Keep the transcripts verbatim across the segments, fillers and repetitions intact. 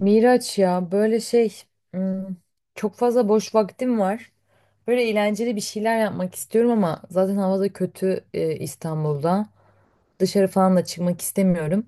Miraç ya böyle şey, hmm, çok fazla boş vaktim var. Böyle eğlenceli bir şeyler yapmak istiyorum ama zaten havada kötü e, İstanbul'da. Dışarı falan da çıkmak istemiyorum.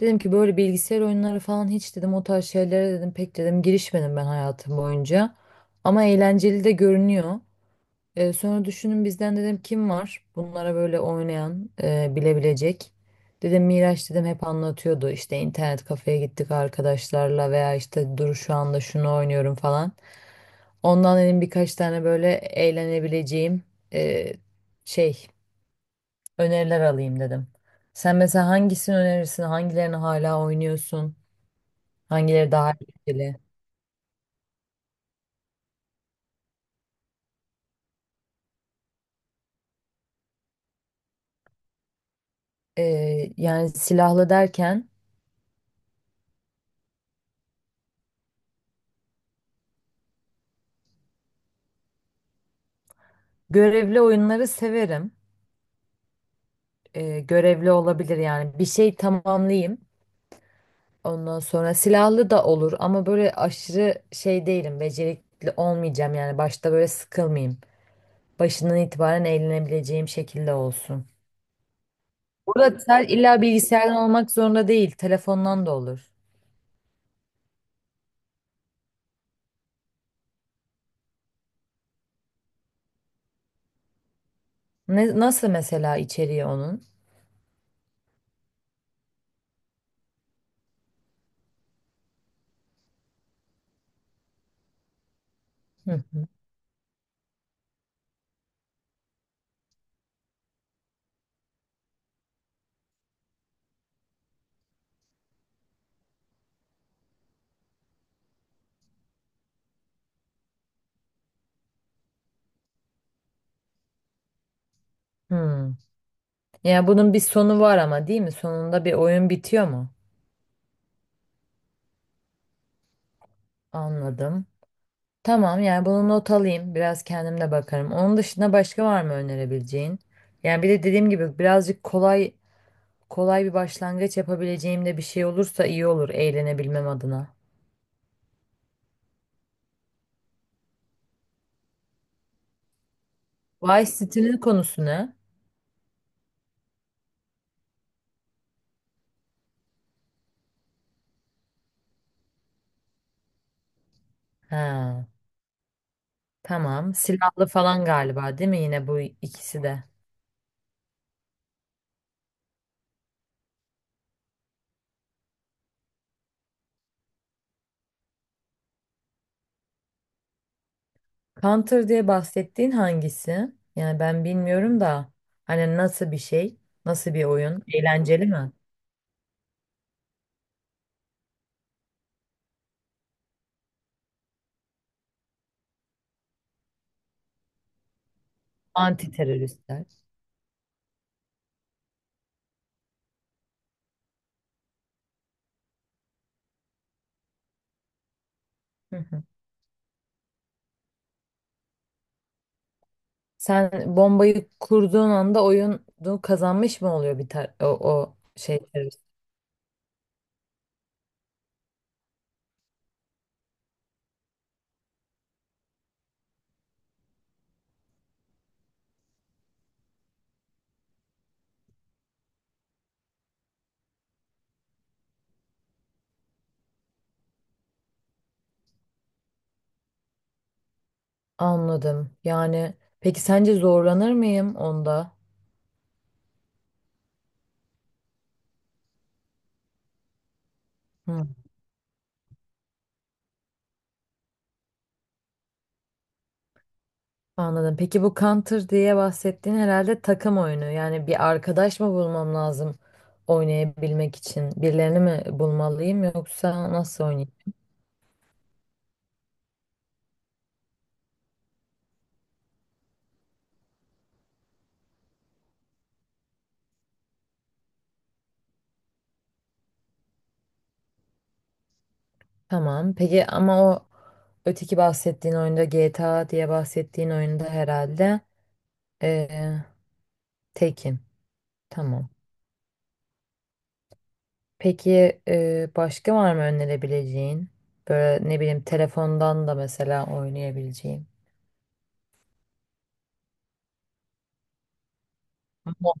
Dedim ki böyle bilgisayar oyunları falan hiç dedim o tarz şeylere dedim pek dedim girişmedim ben hayatım boyunca. Ama eğlenceli de görünüyor. Ee, sonra düşünün bizden dedim kim var bunlara böyle oynayan e, bilebilecek. Dedim Miraç dedim hep anlatıyordu işte internet kafeye gittik arkadaşlarla veya işte dur şu anda şunu oynuyorum falan. Ondan dedim birkaç tane böyle eğlenebileceğim e, şey öneriler alayım dedim. Sen mesela hangisini önerirsin? Hangilerini hala oynuyorsun? Hangileri daha etkili? Ee, yani silahlı derken görevli oyunları severim. E, görevli olabilir yani bir şey tamamlayayım, ondan sonra silahlı da olur ama böyle aşırı şey değilim, becerikli olmayacağım yani başta böyle sıkılmayayım, başından itibaren eğlenebileceğim şekilde olsun. Burada ter- illa bilgisayardan olmak zorunda değil, telefondan da olur. Ne, nasıl mesela içeriği onun? Hı hı. Hmm. Yani bunun bir sonu var ama, değil mi? Sonunda bir oyun bitiyor mu? Anladım. Tamam, yani bunu not alayım. Biraz kendim de bakarım. Onun dışında başka var mı önerebileceğin? Yani bir de dediğim gibi birazcık kolay kolay bir başlangıç yapabileceğim de bir şey olursa iyi olur eğlenebilmem adına. Vice City'nin konusu ne? Ha, tamam. Silahlı falan galiba, değil mi yine bu ikisi de? Counter diye bahsettiğin hangisi? Yani ben bilmiyorum da hani nasıl bir şey? Nasıl bir oyun? Eğlenceli mi? Anti teröristler. Sen bombayı kurduğun anda oyunu kazanmış mı oluyor bir tar o, o şey servis? Anladım. Yani peki sence zorlanır mıyım onda? Hı, anladım. Peki bu Counter diye bahsettiğin herhalde takım oyunu. Yani bir arkadaş mı bulmam lazım oynayabilmek için? Birilerini mi bulmalıyım yoksa nasıl oynayayım? Tamam. Peki ama o öteki bahsettiğin oyunda, G T A diye bahsettiğin oyunda herhalde ee, tekim. Tamam. Peki, e, başka var mı önerebileceğin? Böyle ne bileyim telefondan da mesela oynayabileceğim. Ama-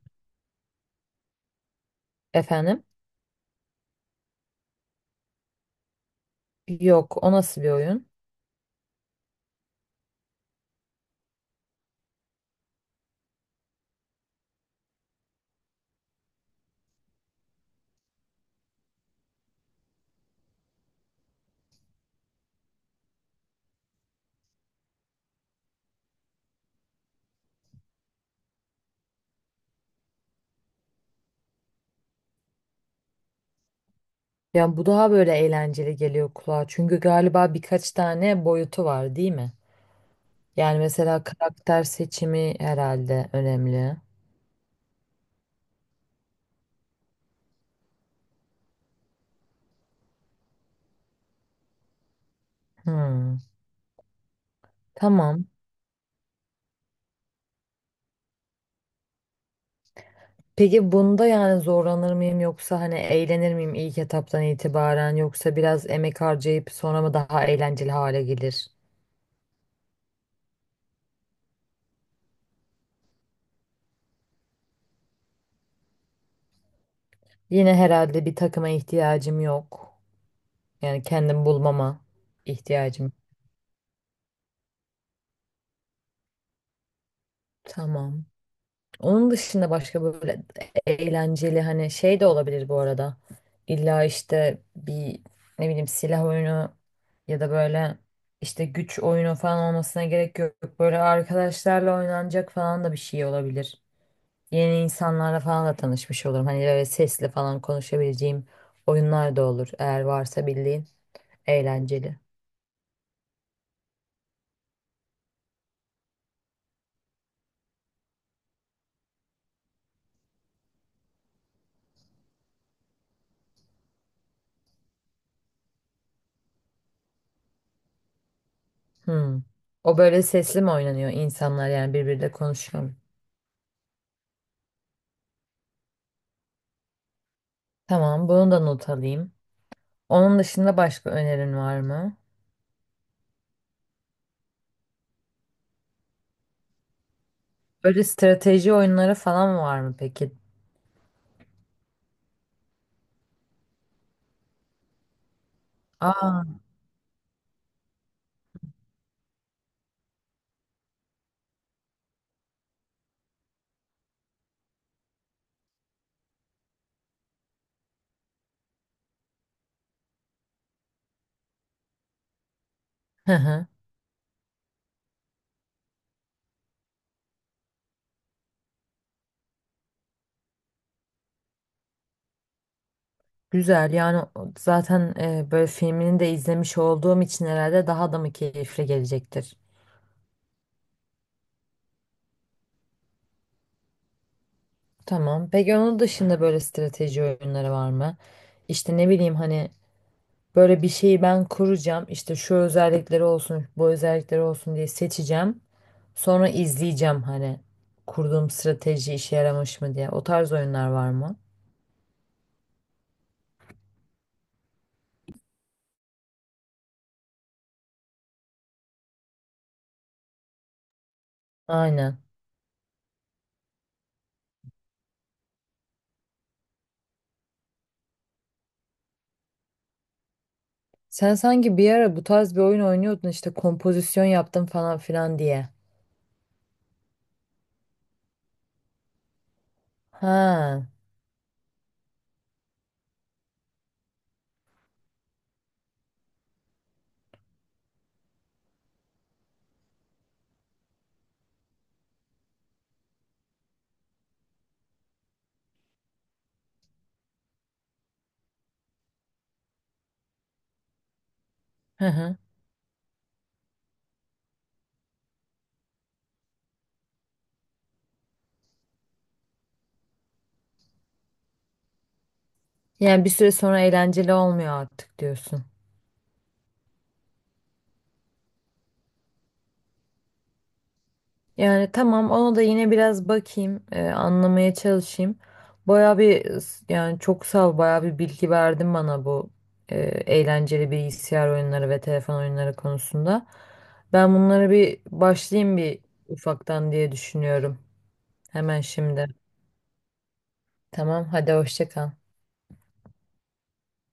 Efendim? Yok, o nasıl bir oyun? Ya bu daha böyle eğlenceli geliyor kulağa. Çünkü galiba birkaç tane boyutu var, değil mi? Yani mesela karakter seçimi herhalde önemli. Hmm, tamam. Peki bunda yani zorlanır mıyım yoksa hani eğlenir miyim ilk etaptan itibaren, yoksa biraz emek harcayıp sonra mı daha eğlenceli hale gelir? Yine herhalde bir takıma ihtiyacım yok. Yani kendim bulmama ihtiyacım. Tamam. Onun dışında başka böyle eğlenceli hani şey de olabilir bu arada. İlla işte bir ne bileyim silah oyunu ya da böyle işte güç oyunu falan olmasına gerek yok. Böyle arkadaşlarla oynanacak falan da bir şey olabilir. Yeni insanlarla falan da tanışmış olurum. Hani böyle sesli falan konuşabileceğim oyunlar da olur, eğer varsa bildiğin eğlenceli. Hmm. O böyle sesli mi oynanıyor, insanlar yani birbiriyle konuşuyor mu? Tamam, bunu da not alayım. Onun dışında başka önerin var mı? Böyle strateji oyunları falan var mı peki? Aa, hı hı. Güzel, yani o- zaten e, böyle filmini de izlemiş olduğum için herhalde daha da mı keyifli gelecektir? Tamam. Peki onun dışında böyle strateji oyunları var mı? İşte ne bileyim hani, böyle bir şeyi ben kuracağım. İşte şu özellikleri olsun, bu özellikleri olsun diye seçeceğim. Sonra izleyeceğim hani kurduğum strateji işe yaramış mı diye. O tarz oyunlar var mı? Aynen. Sen sanki bir ara bu tarz bir oyun oynuyordun işte kompozisyon yaptım falan filan diye. Ha. Hı hı. Yani bir süre sonra eğlenceli olmuyor artık diyorsun. Yani tamam, ona da yine biraz bakayım, e, anlamaya çalışayım. Baya bir e, s- yani çok sağ ol, baya bir bilgi verdin bana bu e, eğlenceli bilgisayar oyunları ve telefon oyunları konusunda. Ben bunlara bir başlayayım bir ufaktan diye düşünüyorum. Hemen şimdi. Tamam, hadi hoşça kal.